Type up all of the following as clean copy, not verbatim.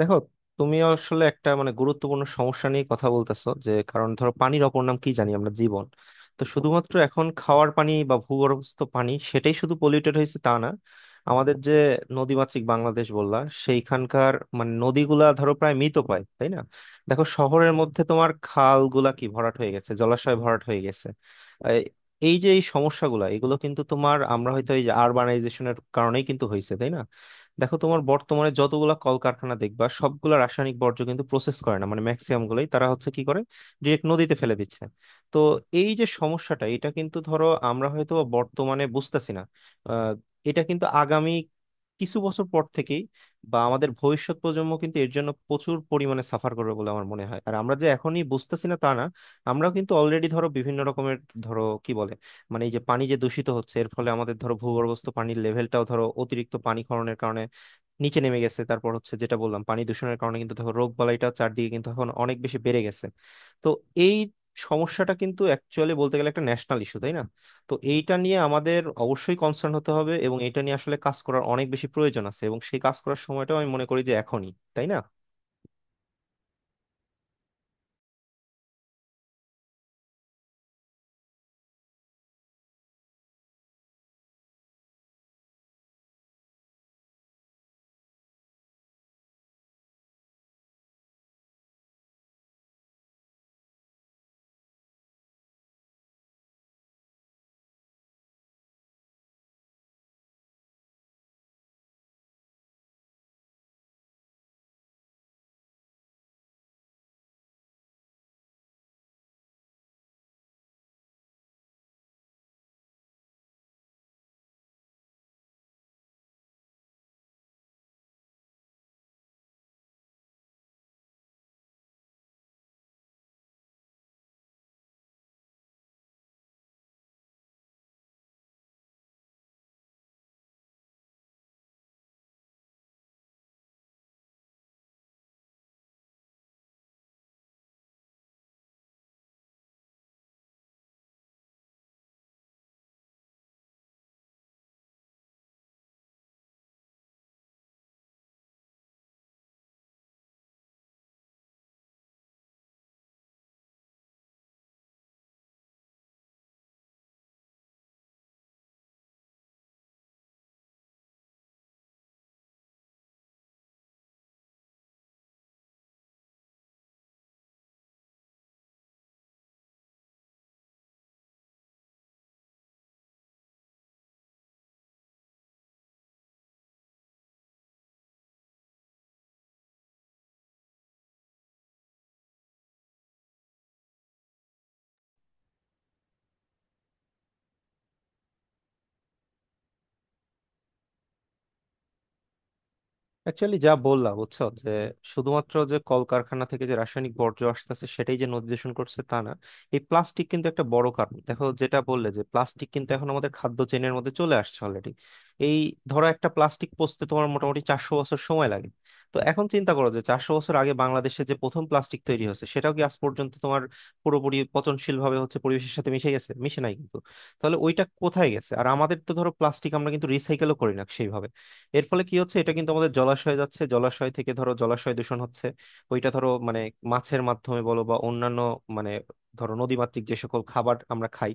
দেখো, তুমি আসলে একটা গুরুত্বপূর্ণ সমস্যা নিয়ে কথা বলতেছো। যে কারণ ধরো, পানির অপর নাম কি জানি? আমরা জীবন। তো শুধুমাত্র এখন খাওয়ার পানি বা ভূগর্ভস্থ পানি সেটাই শুধু পলিউটেড হয়েছে তা না। আমাদের যে নদীমাতৃক বাংলাদেশ বললা, সেইখানকার নদীগুলা ধরো প্রায় মৃত পায়, তাই না? দেখো, শহরের মধ্যে তোমার খালগুলা কি ভরাট হয়ে গেছে, জলাশয় ভরাট হয়ে গেছে। এই এই যে এই সমস্যাগুলা এগুলো কিন্তু তোমার, আমরা হয়তো এই যে আরবানাইজেশনের কারণেই কিন্তু হয়েছে, তাই না? দেখো, তোমার বর্তমানে যতগুলা কলকারখানা দেখবা, সবগুলা রাসায়নিক বর্জ্য কিন্তু প্রসেস করে না। ম্যাক্সিমাম গুলোই তারা হচ্ছে কি করে, ডিরেক্ট নদীতে ফেলে দিচ্ছে। তো এই যে সমস্যাটা, এটা কিন্তু ধরো আমরা হয়তো বা বর্তমানে বুঝতেছি না। আহ, এটা কিন্তু আগামী কিছু বছর পর থেকেই বা আমাদের ভবিষ্যৎ প্রজন্ম কিন্তু এর জন্য প্রচুর পরিমাণে সাফার করবে বলে আমার মনে হয়। আর আমরা যে এখনই বুঝতেছি না তা না, আমরাও কিন্তু অলরেডি ধরো বিভিন্ন রকমের, ধরো কি বলে, এই যে পানি যে দূষিত হচ্ছে এর ফলে আমাদের ধরো ভূগর্ভস্থ পানির লেভেলটাও ধরো অতিরিক্ত পানি নিচে নেমে গেছে। তারপর হচ্ছে যেটা বললাম, পানি দূষণের কারণে কিন্তু দেখো রোগ বালাইটা চারদিকে কিন্তু এখন অনেক বেশি বেড়ে গেছে। তো এই সমস্যাটা কিন্তু অ্যাকচুয়ালি বলতে গেলে একটা ন্যাশনাল ইস্যু, তাই না? তো এইটা নিয়ে আমাদের অবশ্যই কনসার্ন হতে হবে, এবং এটা নিয়ে আসলে কাজ করার অনেক বেশি প্রয়োজন আছে, এবং সেই কাজ করার সময়টাও আমি মনে করি যে এখনই, তাই না? অ্যাকচুয়ালি যা বললা বুঝছো, যে শুধুমাত্র যে কলকারখানা থেকে যে রাসায়নিক বর্জ্য আসতেছে সেটাই যে নদী দূষণ করছে তা না, এই প্লাস্টিক কিন্তু একটা বড় কারণ। দেখো, যেটা বললে যে প্লাস্টিক কিন্তু এখন আমাদের খাদ্য চেনের মধ্যে চলে আসছে অলরেডি। এই, ধরো একটা প্লাস্টিক পচতে তোমার মোটামুটি 400 বছর সময় লাগে। তো এখন চিন্তা করো, যে 400 বছর আগে বাংলাদেশে যে প্রথম প্লাস্টিক তৈরি হয়েছে সেটাও কি আজ পর্যন্ত তোমার পুরোপুরি পচনশীল ভাবে হচ্ছে পরিবেশের সাথে মিশে গেছে? মিশে নাই কিন্তু। তাহলে ওইটা কোথায় গেছে? আর আমাদের তো ধরো প্লাস্টিক আমরা কিন্তু রিসাইকেলও করি না সেইভাবে। এর ফলে কি হচ্ছে, এটা কিন্তু আমাদের জলাশয়ে যাচ্ছে, জলাশয় থেকে ধরো জলাশয় দূষণ হচ্ছে। ওইটা ধরো মাছের মাধ্যমে বলো বা অন্যান্য মানে ধরো নদীমাতৃক যে সকল খাবার আমরা খাই,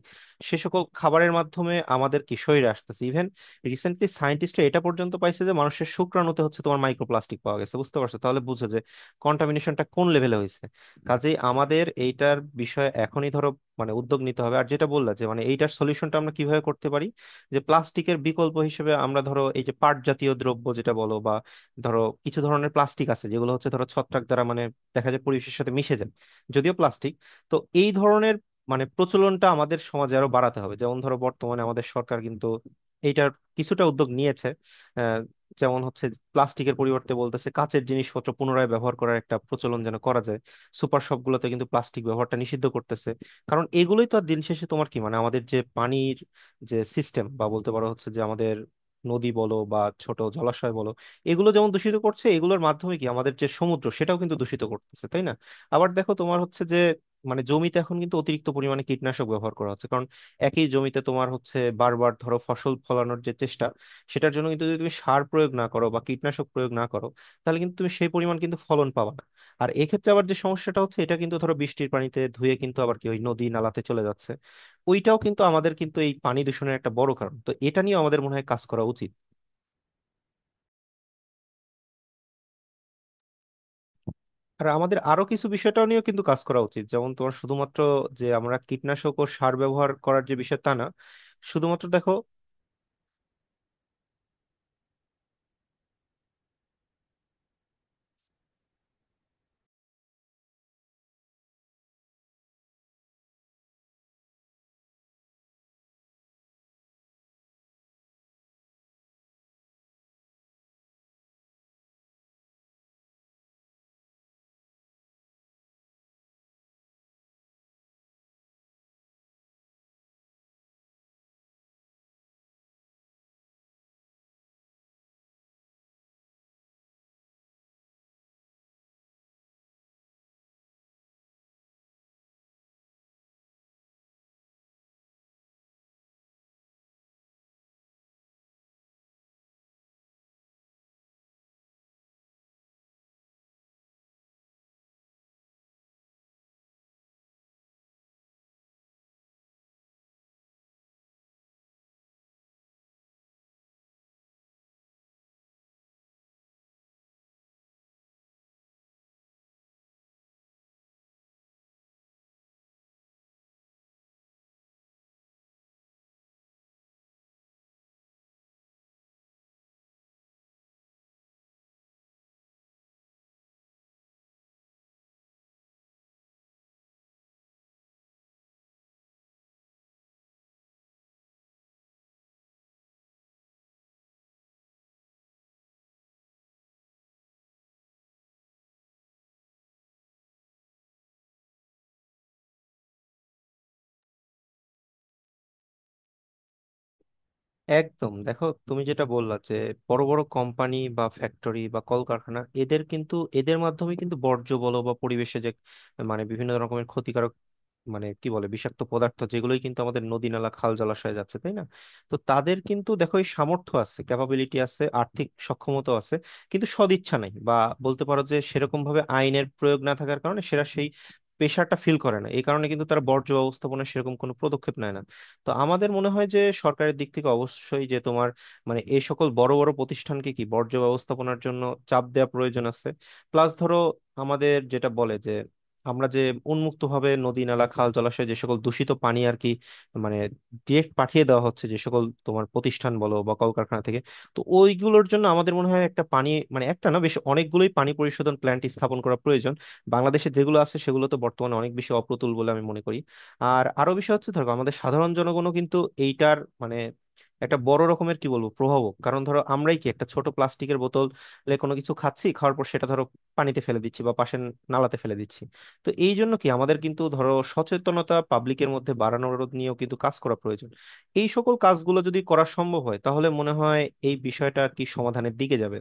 সে সকল খাবারের মাধ্যমে আমাদের কি শরীরে আসতেছে। ইভেন রিসেন্টলি সায়েন্টিস্টরা এটা পর্যন্ত পাইছে যে মানুষের শুক্রাণুতে হচ্ছে তোমার মাইক্রোপ্লাস্টিক পাওয়া গেছে। বুঝতে পারছো? তাহলে বুঝো যে কন্টামিনেশনটা কোন লেভেলে হয়েছে। কাজেই আমাদের এইটার বিষয়ে এখনই ধরো উদ্যোগ নিতে হবে। আর যেটা বললা যে এইটার সলিউশনটা আমরা কিভাবে করতে পারি, যে প্লাস্টিকের বিকল্প হিসেবে আমরা ধরো এই যে পাট জাতীয় দ্রব্য যেটা বলো, বা ধরো কিছু ধরনের প্লাস্টিক আছে যেগুলো হচ্ছে ধরো ছত্রাক দ্বারা দেখা যায় পরিবেশের সাথে মিশে যায়, যদিও প্লাস্টিক। তো এই ধরনের প্রচলনটা আমাদের সমাজে আরো বাড়াতে হবে। যেমন ধরো, বর্তমানে আমাদের সরকার কিন্তু এইটার কিছুটা উদ্যোগ নিয়েছে। আহ, যেমন হচ্ছে, প্লাস্টিকের পরিবর্তে বলতেছে কাঁচের জিনিসপত্র পুনরায় ব্যবহার করার একটা প্রচলন যেন করা যায়। সুপার শপগুলোতে কিন্তু প্লাস্টিক ব্যবহারটা নিষিদ্ধ করতেছে। কারণ এগুলোই তো আর দিন শেষে তোমার কি আমাদের যে পানির যে সিস্টেম, বা বলতে পারো হচ্ছে যে আমাদের নদী বলো বা ছোট জলাশয় বলো, এগুলো যেমন দূষিত করছে, এগুলোর মাধ্যমে কি আমাদের যে সমুদ্র সেটাও কিন্তু দূষিত করতেছে, তাই না? আবার দেখো, তোমার হচ্ছে যে, জমিতে এখন কিন্তু অতিরিক্ত পরিমাণে কীটনাশক ব্যবহার করা হচ্ছে। কারণ একই জমিতে তোমার হচ্ছে বারবার ধরো ফসল ফলানোর যে চেষ্টা, সেটার জন্য কিন্তু যদি তুমি সার প্রয়োগ না করো বা কীটনাশক প্রয়োগ না করো, তাহলে কিন্তু তুমি সেই পরিমাণ কিন্তু ফলন পাবা না। আর এক্ষেত্রে আবার যে সমস্যাটা হচ্ছে, এটা কিন্তু ধরো বৃষ্টির পানিতে ধুয়ে কিন্তু আবার কি ওই নদী নালাতে চলে যাচ্ছে। ওইটাও কিন্তু আমাদের কিন্তু এই পানি দূষণের একটা বড় কারণ। তো এটা নিয়ে আমাদের মনে হয় কাজ করা উচিত। আর আমাদের আরো কিছু বিষয়টাও নিয়েও কিন্তু কাজ করা উচিত। যেমন তোমার শুধুমাত্র যে আমরা কীটনাশক ও সার ব্যবহার করার যে বিষয়, তা না, শুধুমাত্র দেখো। একদম, দেখো তুমি যেটা বললা যে বড় বড় কোম্পানি বা ফ্যাক্টরি বা কলকারখানা, এদের কিন্তু এদের মাধ্যমে কিন্তু বর্জ্য বলো বা পরিবেশে যে বিভিন্ন রকমের ক্ষতিকারক, কি বলে, বিষাক্ত পদার্থ যেগুলোই কিন্তু আমাদের নদী নালা খাল জলাশয়ে যাচ্ছে, তাই না? তো তাদের কিন্তু দেখো এই সামর্থ্য আছে, ক্যাপাবিলিটি আছে, আর্থিক সক্ষমতা আছে, কিন্তু সদিচ্ছা নাই। বা বলতে পারো যে সেরকম ভাবে আইনের প্রয়োগ না থাকার কারণে সেরা সেই প্রেশারটা ফিল করে না। এই কারণে কিন্তু তারা বর্জ্য ব্যবস্থাপনায় সেরকম কোনো পদক্ষেপ নেয় না। তো আমাদের মনে হয় যে সরকারের দিক থেকে অবশ্যই যে তোমার এই সকল বড় বড় প্রতিষ্ঠানকে কি বর্জ্য ব্যবস্থাপনার জন্য চাপ দেওয়া প্রয়োজন আছে। প্লাস ধরো, আমাদের যেটা বলে যে আমরা যে উন্মুক্তভাবে নদী নালা খাল জলাশয় যে সকল দূষিত পানি আর কি, মানে ডিরেক্ট পাঠিয়ে দেওয়া হচ্ছে যে সকল তোমার প্রতিষ্ঠান বলো বা কলকারখানা থেকে, তো ওইগুলোর জন্য আমাদের মনে হয় একটা পানি একটা না, বেশ অনেকগুলোই পানি পরিশোধন প্ল্যান্ট স্থাপন করা প্রয়োজন। বাংলাদেশে যেগুলো আছে সেগুলো তো বর্তমানে অনেক বেশি অপ্রতুল বলে আমি মনে করি। আর আরো বিষয় হচ্ছে ধরো, আমাদের সাধারণ জনগণও কিন্তু এইটার একটা বড় রকমের কি বলবো প্রভাবক। কারণ ধরো, আমরাই কি একটা ছোট প্লাস্টিকের বোতলে কোনো কিছু খাচ্ছি, খাওয়ার পর সেটা ধরো পানিতে ফেলে দিচ্ছি বা পাশে নালাতে ফেলে দিচ্ছি। তো এই জন্য কি আমাদের কিন্তু ধরো সচেতনতা পাবলিকের মধ্যে বাড়ানোর নিয়েও কিন্তু কাজ করা প্রয়োজন। এই সকল কাজগুলো যদি করা সম্ভব হয় তাহলে মনে হয় এই বিষয়টা আর কি সমাধানের দিকে যাবে।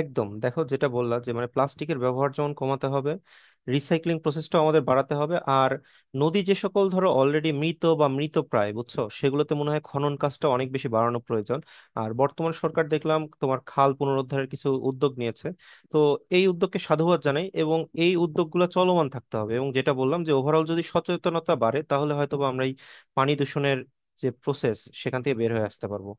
একদম, দেখো যেটা বললা যে প্লাস্টিকের ব্যবহার যেমন কমাতে হবে, রিসাইক্লিং প্রসেসটাও আমাদের বাড়াতে হবে, আর নদী যে সকল ধরো অলরেডি মৃত বা মৃত প্রায় বুঝছো, সেগুলোতে মনে হয় খনন কাজটা অনেক বেশি বাড়ানো প্রয়োজন। আর বর্তমান সরকার দেখলাম তোমার খাল পুনরুদ্ধারের কিছু উদ্যোগ নিয়েছে। তো এই উদ্যোগকে সাধুবাদ জানাই, এবং এই উদ্যোগগুলো চলমান থাকতে হবে। এবং যেটা বললাম, যে ওভারঅল যদি সচেতনতা বাড়ে তাহলে হয়তোবা আমরা এই পানি দূষণের যে প্রসেস সেখান থেকে বের হয়ে আসতে পারবো।